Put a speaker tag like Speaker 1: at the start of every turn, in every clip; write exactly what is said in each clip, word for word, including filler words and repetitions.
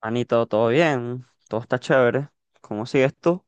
Speaker 1: Anito, todo bien, todo está chévere. ¿Cómo sigues tú?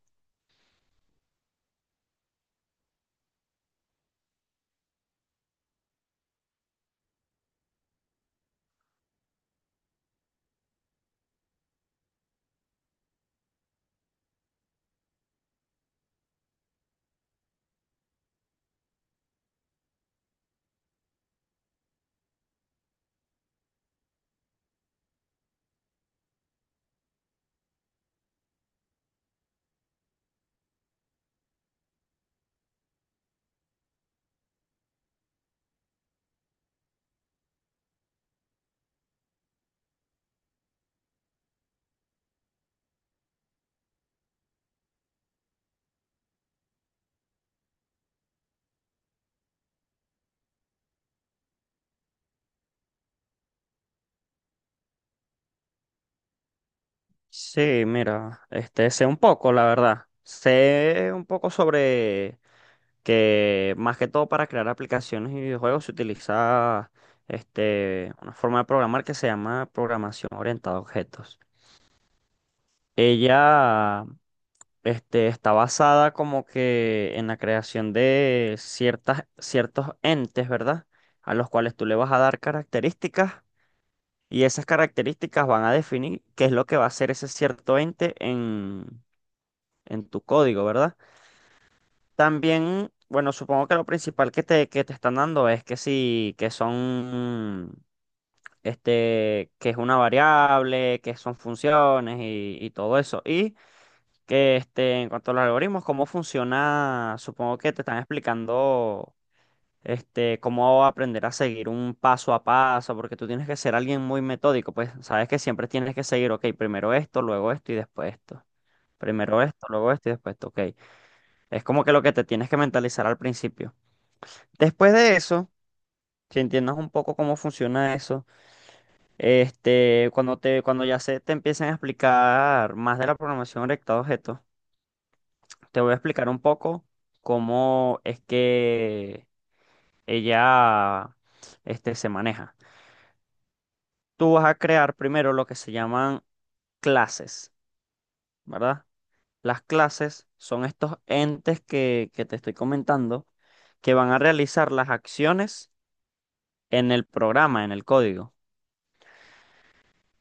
Speaker 1: Sí, mira, este sé un poco, la verdad. Sé un poco sobre que más que todo para crear aplicaciones y videojuegos se utiliza este una forma de programar que se llama programación orientada a objetos. Ella, este está basada como que en la creación de ciertas ciertos entes, ¿verdad? A los cuales tú le vas a dar características. Y esas características van a definir qué es lo que va a hacer ese cierto ente en en tu código, ¿verdad? También, bueno, supongo que lo principal que te, que te están dando es que sí, que son, este, que es una variable, que son funciones y, y todo eso. Y que, este, en cuanto a los algoritmos, cómo funciona, supongo que te están explicando este, cómo aprender a seguir un paso a paso, porque tú tienes que ser alguien muy metódico, pues sabes que siempre tienes que seguir, ok, primero esto, luego esto y después esto. Primero esto, luego esto y después esto, ok. Es como que lo que te tienes que mentalizar al principio. Después de eso, que entiendas un poco cómo funciona eso, este, cuando te, cuando ya se te empiecen a explicar más de la programación orientada a objetos, te voy a explicar un poco cómo es que ella, este, se maneja. Tú vas a crear primero lo que se llaman clases, ¿verdad? Las clases son estos entes que, que te estoy comentando, que van a realizar las acciones en el programa, en el código.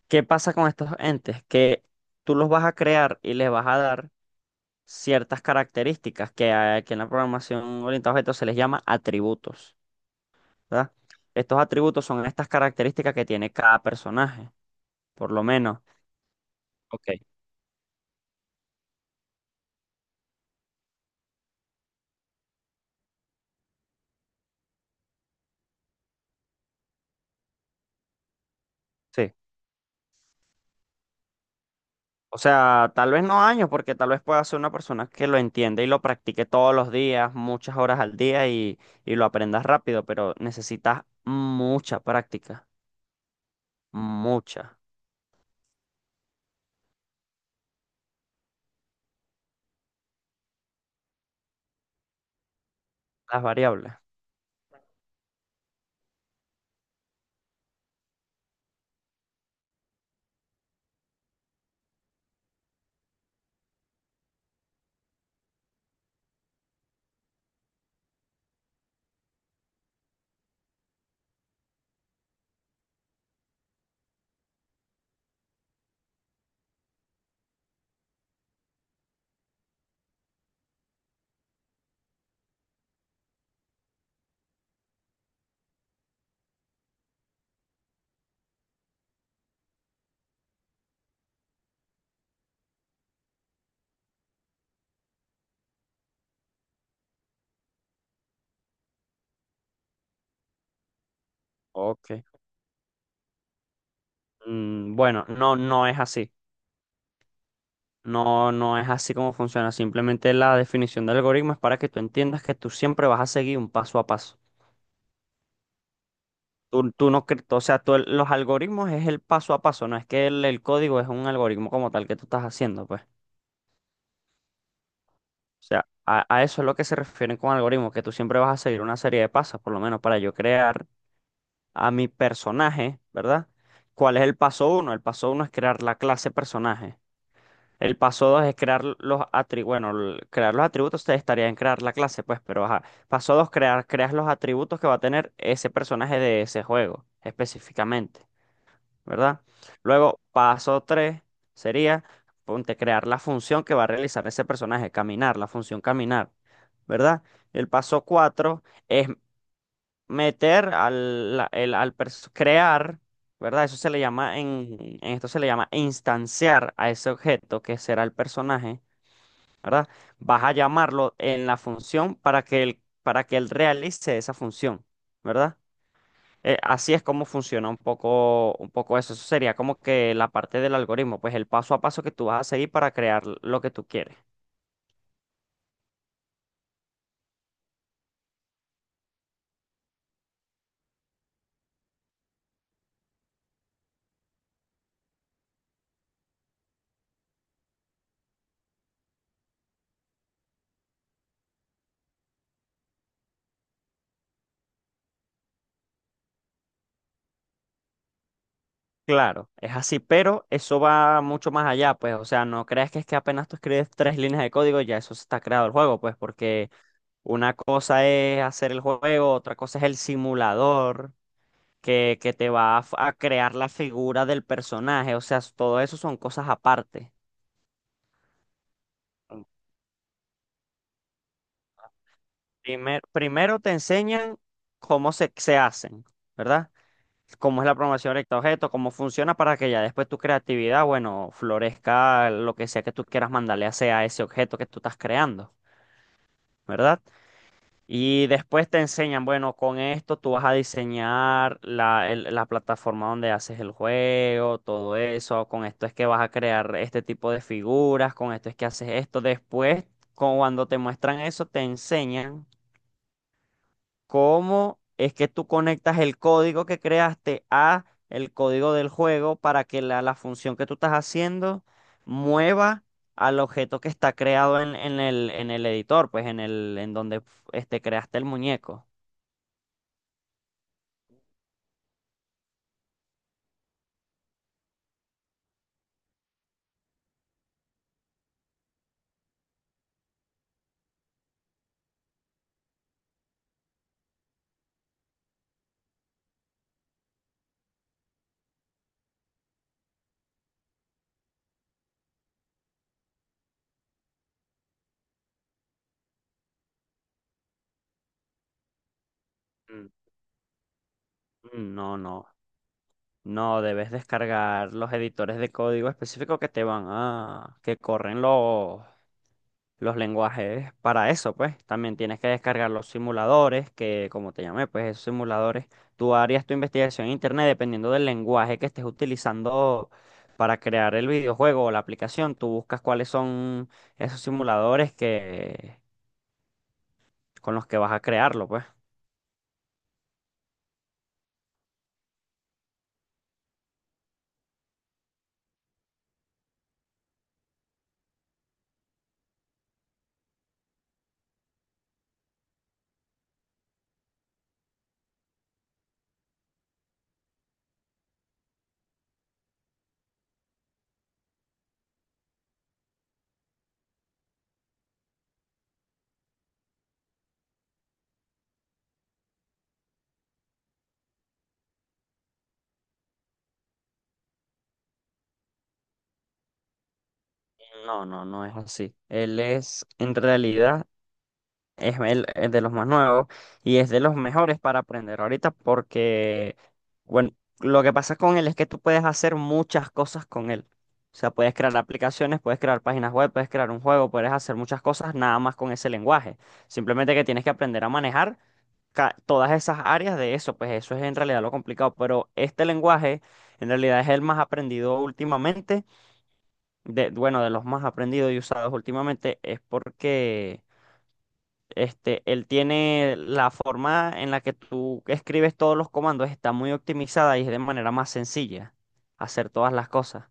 Speaker 1: ¿Qué pasa con estos entes? Que tú los vas a crear y les vas a dar ciertas características, que aquí en la programación orientada a objetos se les llama atributos, ¿verdad? Estos atributos son estas características que tiene cada personaje, por lo menos. Ok. Sí. O sea, tal vez no años, porque tal vez pueda ser una persona que lo entienda y lo practique todos los días, muchas horas al día y, y lo aprendas rápido, pero necesitas mucha práctica, mucha. Las variables. Ok. Mm, bueno, no, no es así. No, no es así como funciona. Simplemente la definición de algoritmo es para que tú entiendas que tú siempre vas a seguir un paso a paso. Tú, tú no, cre- o sea, tú el- los algoritmos es el paso a paso, no es que el, el código es un algoritmo como tal que tú estás haciendo, pues. O sea, a, a eso es lo que se refieren con algoritmo, que tú siempre vas a seguir una serie de pasos, por lo menos para yo crear a mi personaje, ¿verdad? ¿Cuál es el paso uno? El paso uno es crear la clase personaje. El paso dos es crear los atributos. Bueno, el- crear los atributos ustedes estarían en crear la clase, pues, pero ajá. Paso dos, crear, creas los atributos que va a tener ese personaje de ese juego, específicamente. ¿Verdad? Luego, paso tres sería, ponte, crear la función que va a realizar ese personaje, caminar, la función caminar, ¿verdad? El paso cuatro es meter al, la- el- al pers- crear, ¿verdad? Eso se le llama, en, en esto se le llama instanciar a ese objeto que será el personaje, ¿verdad? Vas a llamarlo en la función para que él, para que él realice esa función, ¿verdad? Eh, así es como funciona un poco, un poco eso. Eso sería como que la parte del algoritmo, pues el paso a paso que tú vas a seguir para crear lo que tú quieres. Claro, es así, pero eso va mucho más allá, pues, o sea, no creas que es que apenas tú escribes tres líneas de código, ya eso está creado el juego, pues, porque una cosa es hacer el juego, otra cosa es el simulador que, que te va a, f- a crear la figura del personaje, o sea, s- todo eso son cosas aparte. Primer- primero te enseñan cómo se, se hacen, ¿verdad? Cómo es la programación recta objeto, cómo funciona, para que ya después tu creatividad, bueno, florezca lo que sea que tú quieras mandarle hacia a ese objeto que tú estás creando, ¿verdad? Y después te enseñan, bueno, con esto tú vas a diseñar la, el- la plataforma donde haces el juego, todo eso, con esto es que vas a crear este tipo de figuras, con esto es que haces esto. Después, cuando te muestran eso, te enseñan cómo es que tú conectas el código que creaste a el código del juego para que la, la función que tú estás haciendo mueva al objeto que está creado en, en el, en el editor, pues en el, en donde este, creaste el muñeco. Mm. No, no, no, debes descargar los editores de código específico que te van a, que corren los, los lenguajes para eso, pues. También tienes que descargar los simuladores, que como te llamé, pues esos simuladores, tú harías tu investigación en internet dependiendo del lenguaje que estés utilizando para crear el videojuego o la aplicación. Tú buscas cuáles son esos simuladores que con los que vas a crearlo, pues. No, no, no es así. Él es, en realidad, es, el- es de los más nuevos y es de los mejores para aprender ahorita, porque, bueno, lo que pasa con él es que tú puedes hacer muchas cosas con él. O sea, puedes crear aplicaciones, puedes crear páginas web, puedes crear un juego, puedes hacer muchas cosas nada más con ese lenguaje. Simplemente que tienes que aprender a manejar ca- todas esas áreas de eso, pues eso es en realidad lo complicado. Pero este lenguaje en realidad es el más aprendido últimamente, de, bueno, de los más aprendidos y usados últimamente, es porque… Este, él tiene la forma en la que tú escribes todos los comandos, está muy optimizada y es de manera más sencilla hacer todas las cosas.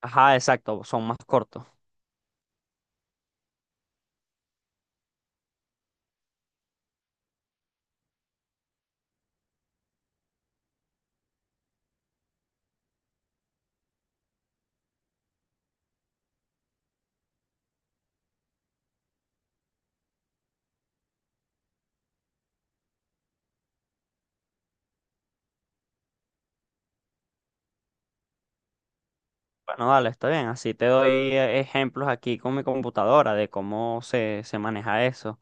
Speaker 1: Ajá, exacto, son más cortos. Bueno, dale, está bien. Así te doy, eh, ejemplos aquí con mi computadora de cómo se, se maneja eso.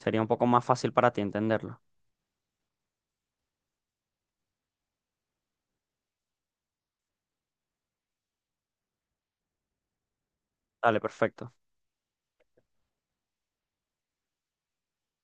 Speaker 1: Sería un poco más fácil para ti entenderlo. Dale, perfecto.